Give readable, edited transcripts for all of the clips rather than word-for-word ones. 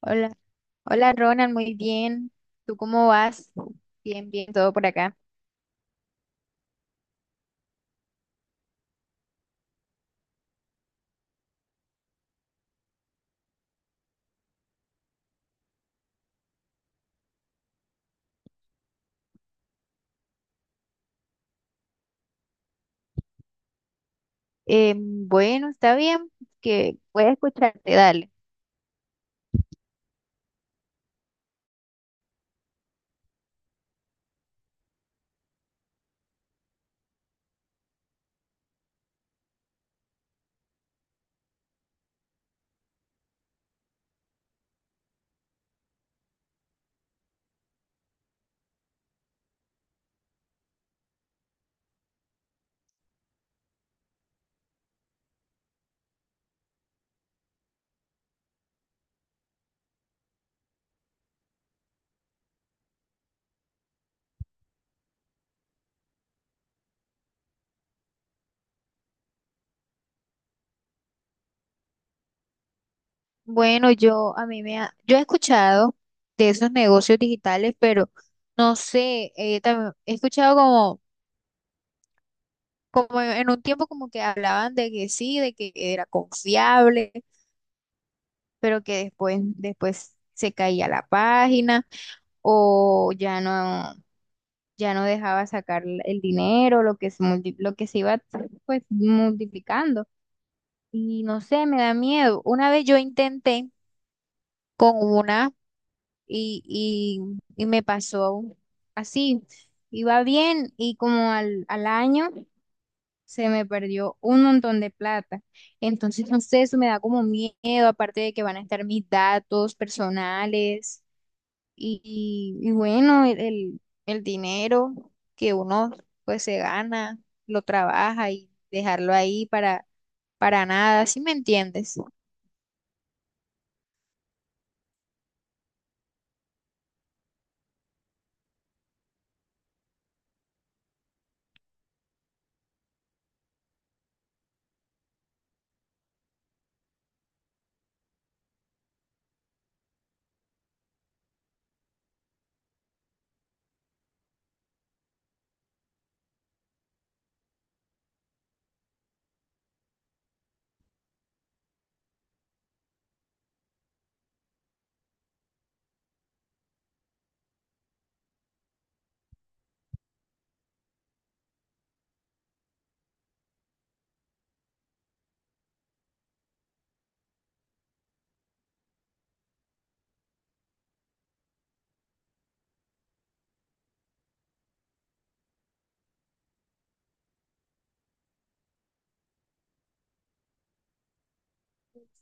Hola, hola Ronald, muy bien. ¿Tú cómo vas? Bien, bien, todo por acá. Bueno, está bien, que voy a escucharte, dale. Bueno, yo a mí yo he escuchado de esos negocios digitales, pero no sé, también he escuchado como en un tiempo como que hablaban de que sí, de que era confiable, pero que después se caía la página o ya no. Ya no dejaba sacar el dinero, lo que se iba pues multiplicando. Y no sé, me da miedo. Una vez yo intenté con una y, y me pasó así. Iba bien y como al año se me perdió un montón de plata. Entonces, no sé, eso me da como miedo, aparte de que van a estar mis datos personales. Y bueno, el dinero que uno pues se gana, lo trabaja y dejarlo ahí para nada, ¿sí me entiendes?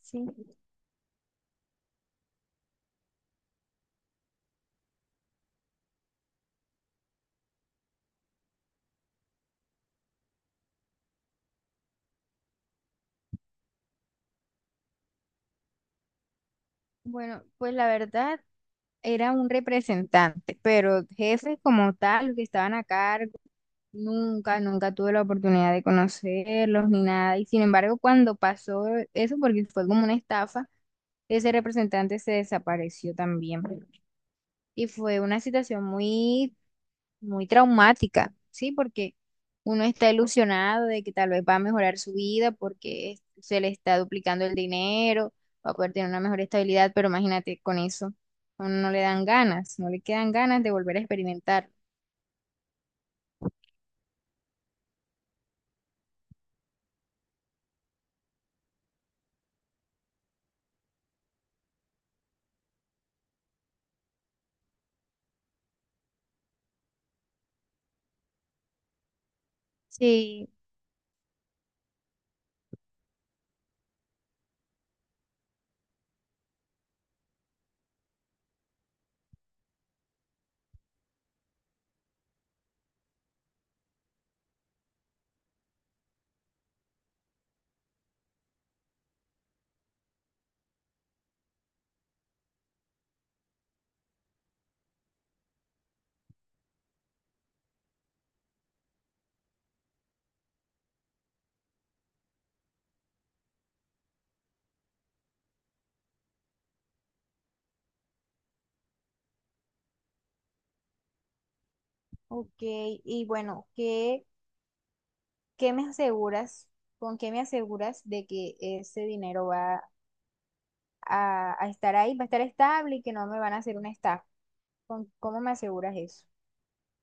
Sí. Bueno, pues la verdad era un representante, pero jefes como tal, los que estaban a cargo, nunca tuve la oportunidad de conocerlos ni nada. Y sin embargo, cuando pasó eso, porque fue como una estafa, ese representante se desapareció también. Y fue una situación muy traumática, ¿sí? Porque uno está ilusionado de que tal vez va a mejorar su vida se le está duplicando el dinero, va a poder tener una mejor estabilidad, pero imagínate, con eso a uno no le dan ganas, no le quedan ganas de volver a experimentar. Sí, ok. Y bueno, ¿qué me aseguras? ¿Con qué me aseguras de que ese dinero va a estar ahí, va a estar estable y que no me van a hacer una estafa? ¿Cómo me aseguras eso?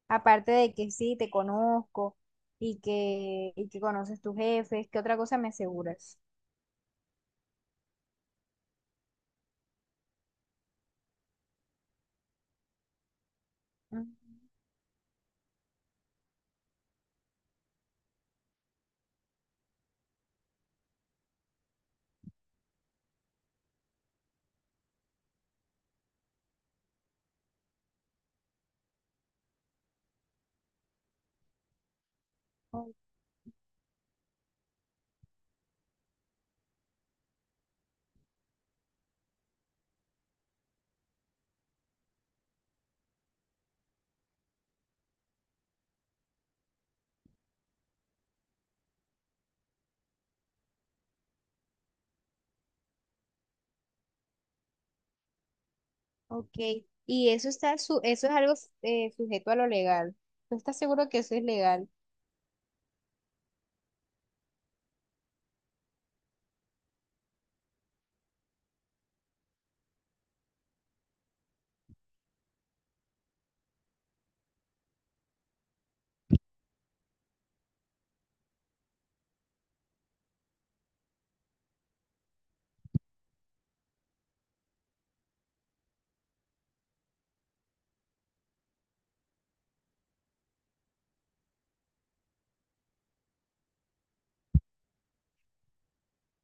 Aparte de que sí, te conozco y que conoces tus jefes, ¿qué otra cosa me aseguras? Mm, o- Ok, y eso eso es algo sujeto a lo legal. ¿Tú estás seguro que eso es legal?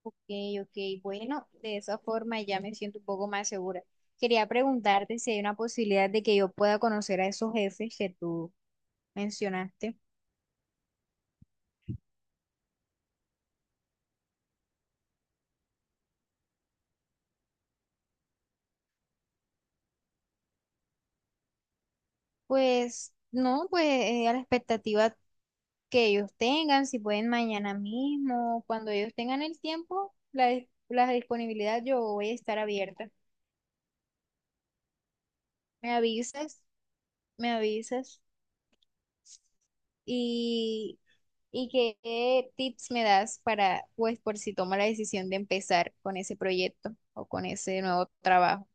Ok, ok, bueno, de esa forma ya me siento un poco más segura. Quería preguntarte si hay una posibilidad de que yo pueda conocer a esos jefes que tú mencionaste. Pues no, pues a la expectativa que ellos tengan, si pueden mañana mismo, cuando ellos tengan el tiempo, la disponibilidad, yo voy a estar abierta. Me avisas, me avisas y, qué tips me das para, pues, por si tomo la decisión de empezar con ese proyecto o con ese nuevo trabajo.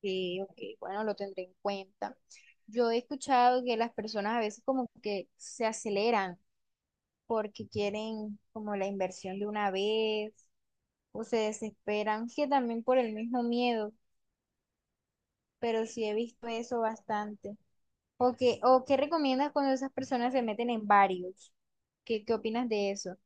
Sí, ok, bueno, lo tendré en cuenta. Yo he escuchado que las personas a veces como que se aceleran porque quieren como la inversión de una vez o se desesperan, que también por el mismo miedo, pero sí he visto eso bastante. O qué recomiendas cuando esas personas se meten en varios? ¿Qué opinas de eso?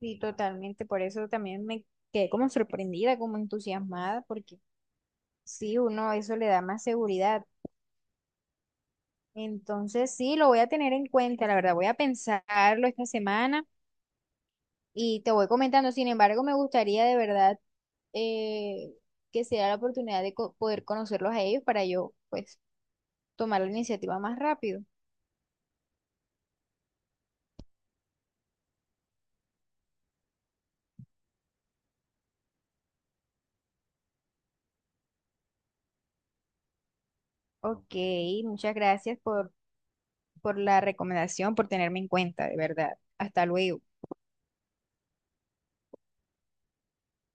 Sí, totalmente, por eso también me quedé como sorprendida, como entusiasmada, porque sí, uno eso le da más seguridad. Entonces, sí, lo voy a tener en cuenta, la verdad, voy a pensarlo esta semana y te voy comentando. Sin embargo, me gustaría de verdad eh, que sea la oportunidad de poder conocerlos a ellos para yo, pues, tomar la iniciativa más rápido. Ok, muchas gracias por la recomendación, por tenerme en cuenta, de verdad. Hasta luego.